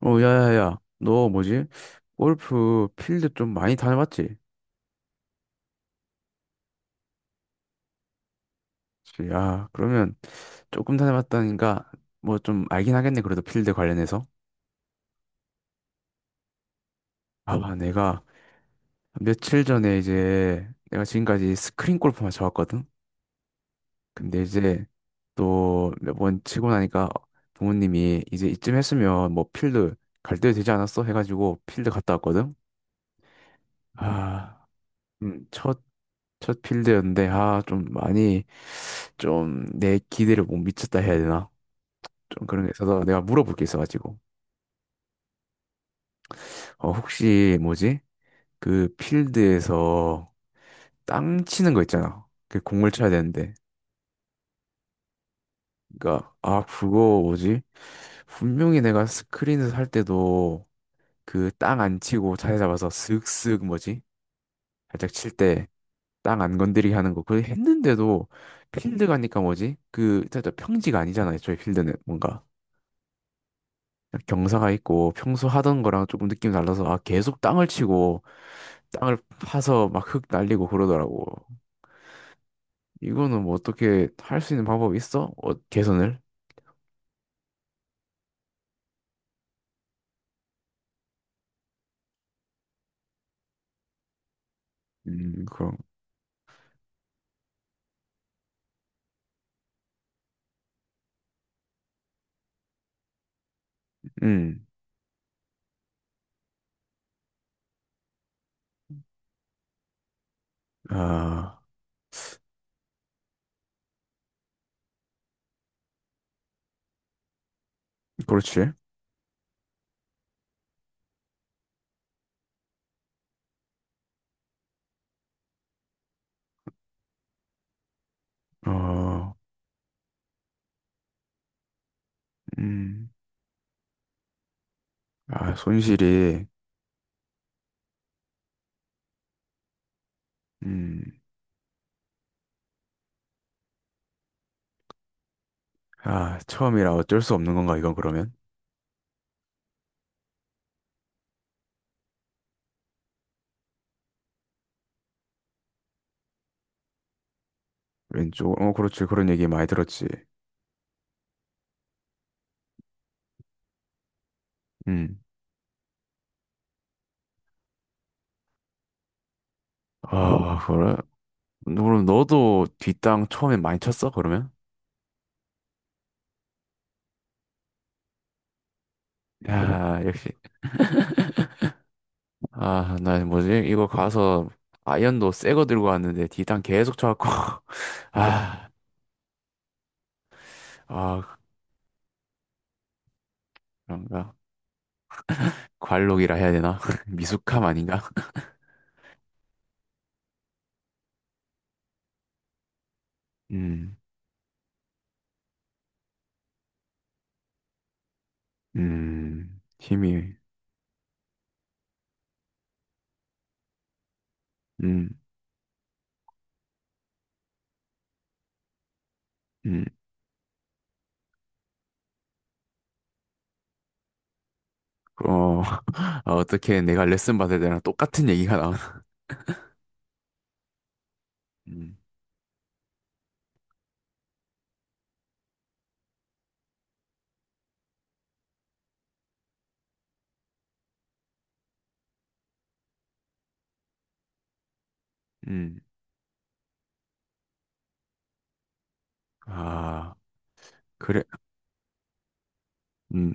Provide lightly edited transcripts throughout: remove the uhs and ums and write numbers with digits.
어, 야야야, 너 뭐지? 골프 필드 좀 많이 다녀봤지? 그치. 야, 그러면 조금 다녀봤다니까 뭐 좀 알긴 하겠네. 그래도 필드 관련해서. 아, 내가 며칠 전에 이제 내가 지금까지 스크린 골프만 쳐왔거든? 근데 이제 또 몇 번 치고 나니까 부모님이 이제 이쯤 했으면 뭐 필드 갈 때 되지 않았어? 해가지고 필드 갔다 왔거든? 아, 음, 첫, 첫 필드였는데, 아, 좀 많이 좀 내 기대를 못 미쳤다 해야 되나? 좀 그런 게 있어서 내가 물어볼 게 있어가지고. 어, 혹시 뭐지? 그 필드에서 땅 치는 거 있잖아. 그 공을 쳐야 되는데. 그니까, 아, 그거 뭐지? 분명히 내가 스크린에서 할 때도 그 땅 안 치고 자세 잡아서 슥슥 뭐지? 살짝 칠 때. 땅 안 건드리게 하는 거. 그걸 했는데도 필드 가니까 뭐지? 그 진짜 평지가 아니잖아. 애초에 필드는 뭔가. 경사가 있고 평소 하던 거랑 조금 느낌이 달라서 아 계속 땅을 치고 땅을 파서 막 흙 날리고 그러더라고. 이거는 뭐 어떻게 할 수 있는 방법이 있어? 어, 개선을? 그럼, 음, 아, 그렇지. 어, 음, 아, 손실이, 음, 아, 처음이라 어쩔 수 없는 건가, 이건 그러면? 왼쪽, 어, 그렇지. 그런 얘기 많이 들었지. 음, 아, 그래? 그럼 너도 뒷땅 처음에 많이 쳤어, 그러면? 야, 역시. 아, 나 뭐지? 이거 가서 아이언도 새거 들고 왔는데 디탄 계속 쳐갖고 아, 아 그런가? 관록이라 해야 되나? 미숙함 아닌가? 음, 힘이, 음, 음, 어, 아, 어떻게 내가 레슨 받을 때랑 똑같은 얘기가 나오나? 음, 음, 아, 그래, 음,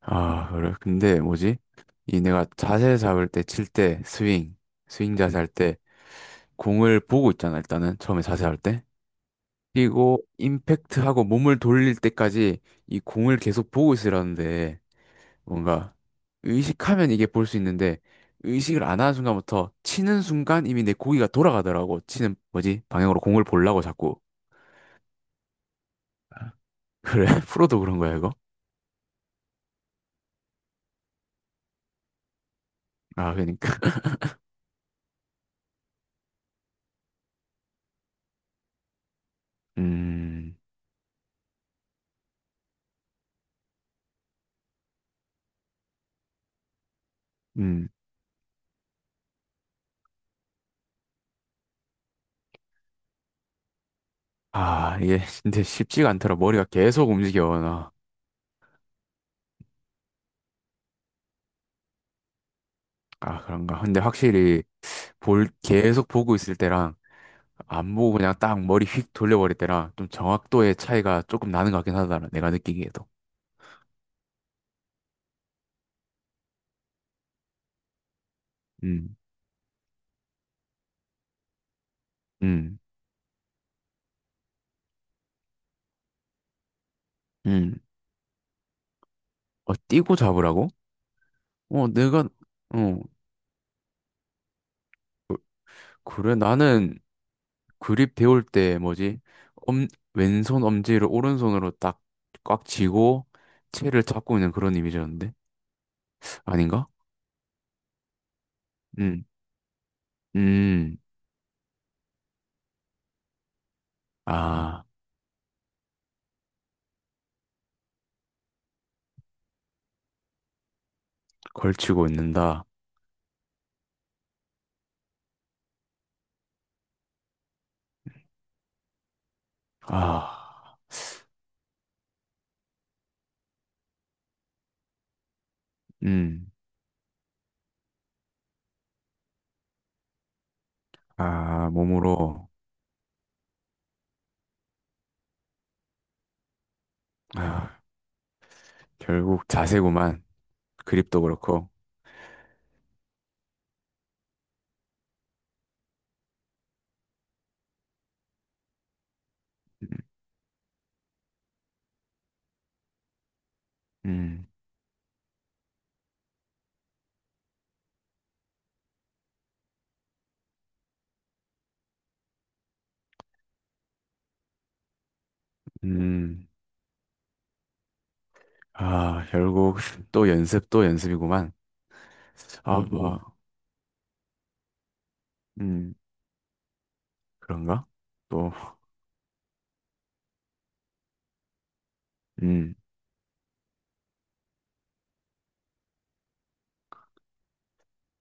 아, 그래. 근데 뭐지? 이 내가 자세 잡을 때, 칠 때, 스윙, 스윙 자세 할 때, 공을 보고 있잖아, 일단은. 처음에 자세 할 때. 그리고 임팩트하고 몸을 돌릴 때까지 이 공을 계속 보고 있으라는데 뭔가 의식하면 이게 볼 수 있는데 의식을 안 하는 순간부터 치는 순간 이미 내 고기가 돌아가더라고. 치는 뭐지? 방향으로 공을 보려고 자꾸. 그래, 프로도 그런 거야, 이거? 아, 그러니까. 음, 음. 아, 이게 근데 쉽지가 않더라. 머리가 계속 움직여, 나. 아, 그런가. 근데 확실히 볼, 계속 보고 있을 때랑 안 보고 그냥 딱 머리 휙 돌려버릴 때랑 좀 정확도의 차이가 조금 나는 것 같긴 하다. 내가 느끼기에도. 음, 음, 음. 어, 띄고 잡으라고? 어, 내가, 어, 그래. 나는 그립 배울 때 뭐지? 엄, 왼손 엄지를 오른손으로 딱 꽉 쥐고 채를 잡고 있는 그런 이미지였는데? 아닌가? 음, 음. 아, 걸치고 있는다. 아, 음. 아, 몸으로. 아, 결국 자세구만. 그립도 그렇고. 음, 음, 아, 결국 또 연습, 또 연습이구만. 아, 뭐, 음, 그런가? 또, 음,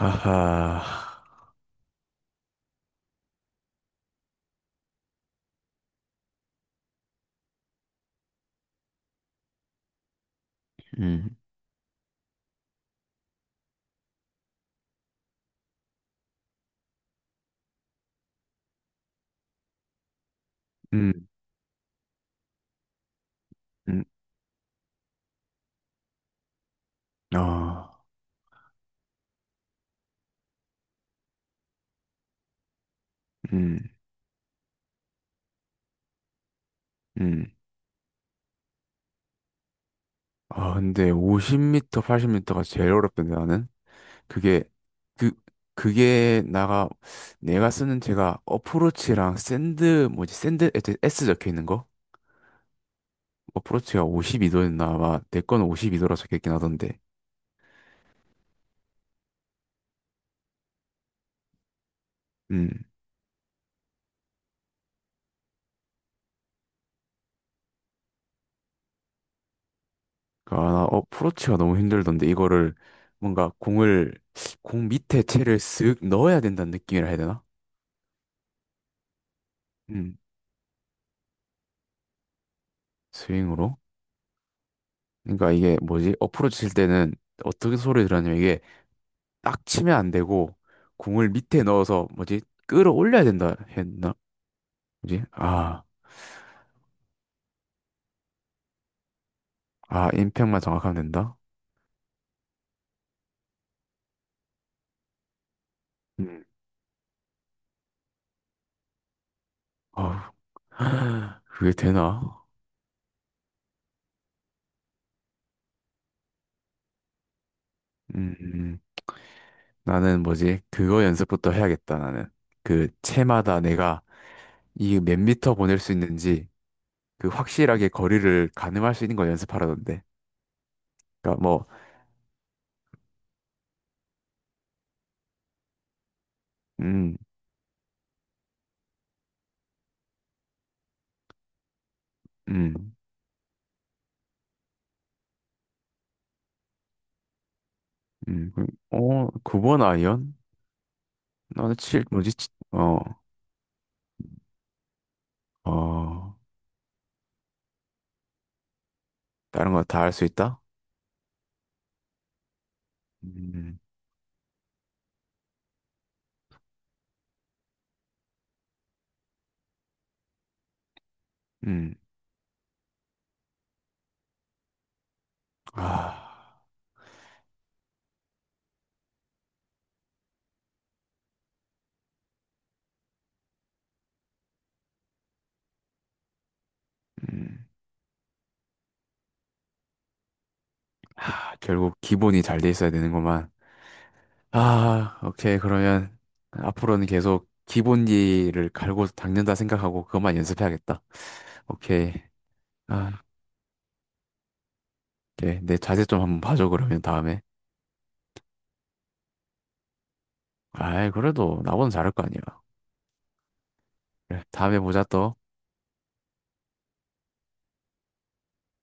하하, 음, 음, 음, 아, 음, 음. 아, 근데 50m, 80m가 제일 어렵던데, 나는. 그게, 그, 그게 나가, 내가 쓰는 제가 어프로치랑 샌드, 뭐지, 샌드, 에스 S 적혀 있는 거? 어프로치가 52도였나? 아마, 내 거는 52도라 적혀 있긴 하던데. 음. 아, 나 어프로치가 너무 힘들던데 이거를 뭔가 공을 공 밑에 채를 쓱 넣어야 된다는 느낌이라 해야 되나? 음. 스윙으로. 그러니까 이게 뭐지? 어프로치 칠 때는 어떻게 소리 들었냐면 이게 딱 치면 안 되고 공을 밑에 넣어서 뭐지? 끌어올려야 된다 했나? 뭐지? 아. 아, 임팩만 정확하면 된다? 음. 어우. 그게 되나? 음. 음. 음. 나는 뭐지? 그거 연습부터 해야겠다, 나는. 그 채마다 내가 이 몇 미터 보낼 수 있는지 그 확실하게 거리를 가늠할 수 있는 걸 연습하라던데. 그러니까 뭐, 음, 음, 어, 9번 아이언? 나는 칠 뭐지? 칠- 어, 어, 다른 거 다 할 수 있다? 음, 음, 아, 음, 아, 결국 기본이 잘 돼 있어야 되는구만. 아, 오케이. 그러면 앞으로는 계속 기본기를 갈고 닦는다 생각하고 그것만 연습해야겠다. 오케이. 아, 오케이. 내 자세 좀 한번 봐줘, 그러면 다음에. 아이, 그래도 나보다 잘할 거 아니야. 그래, 다음에 보자 또.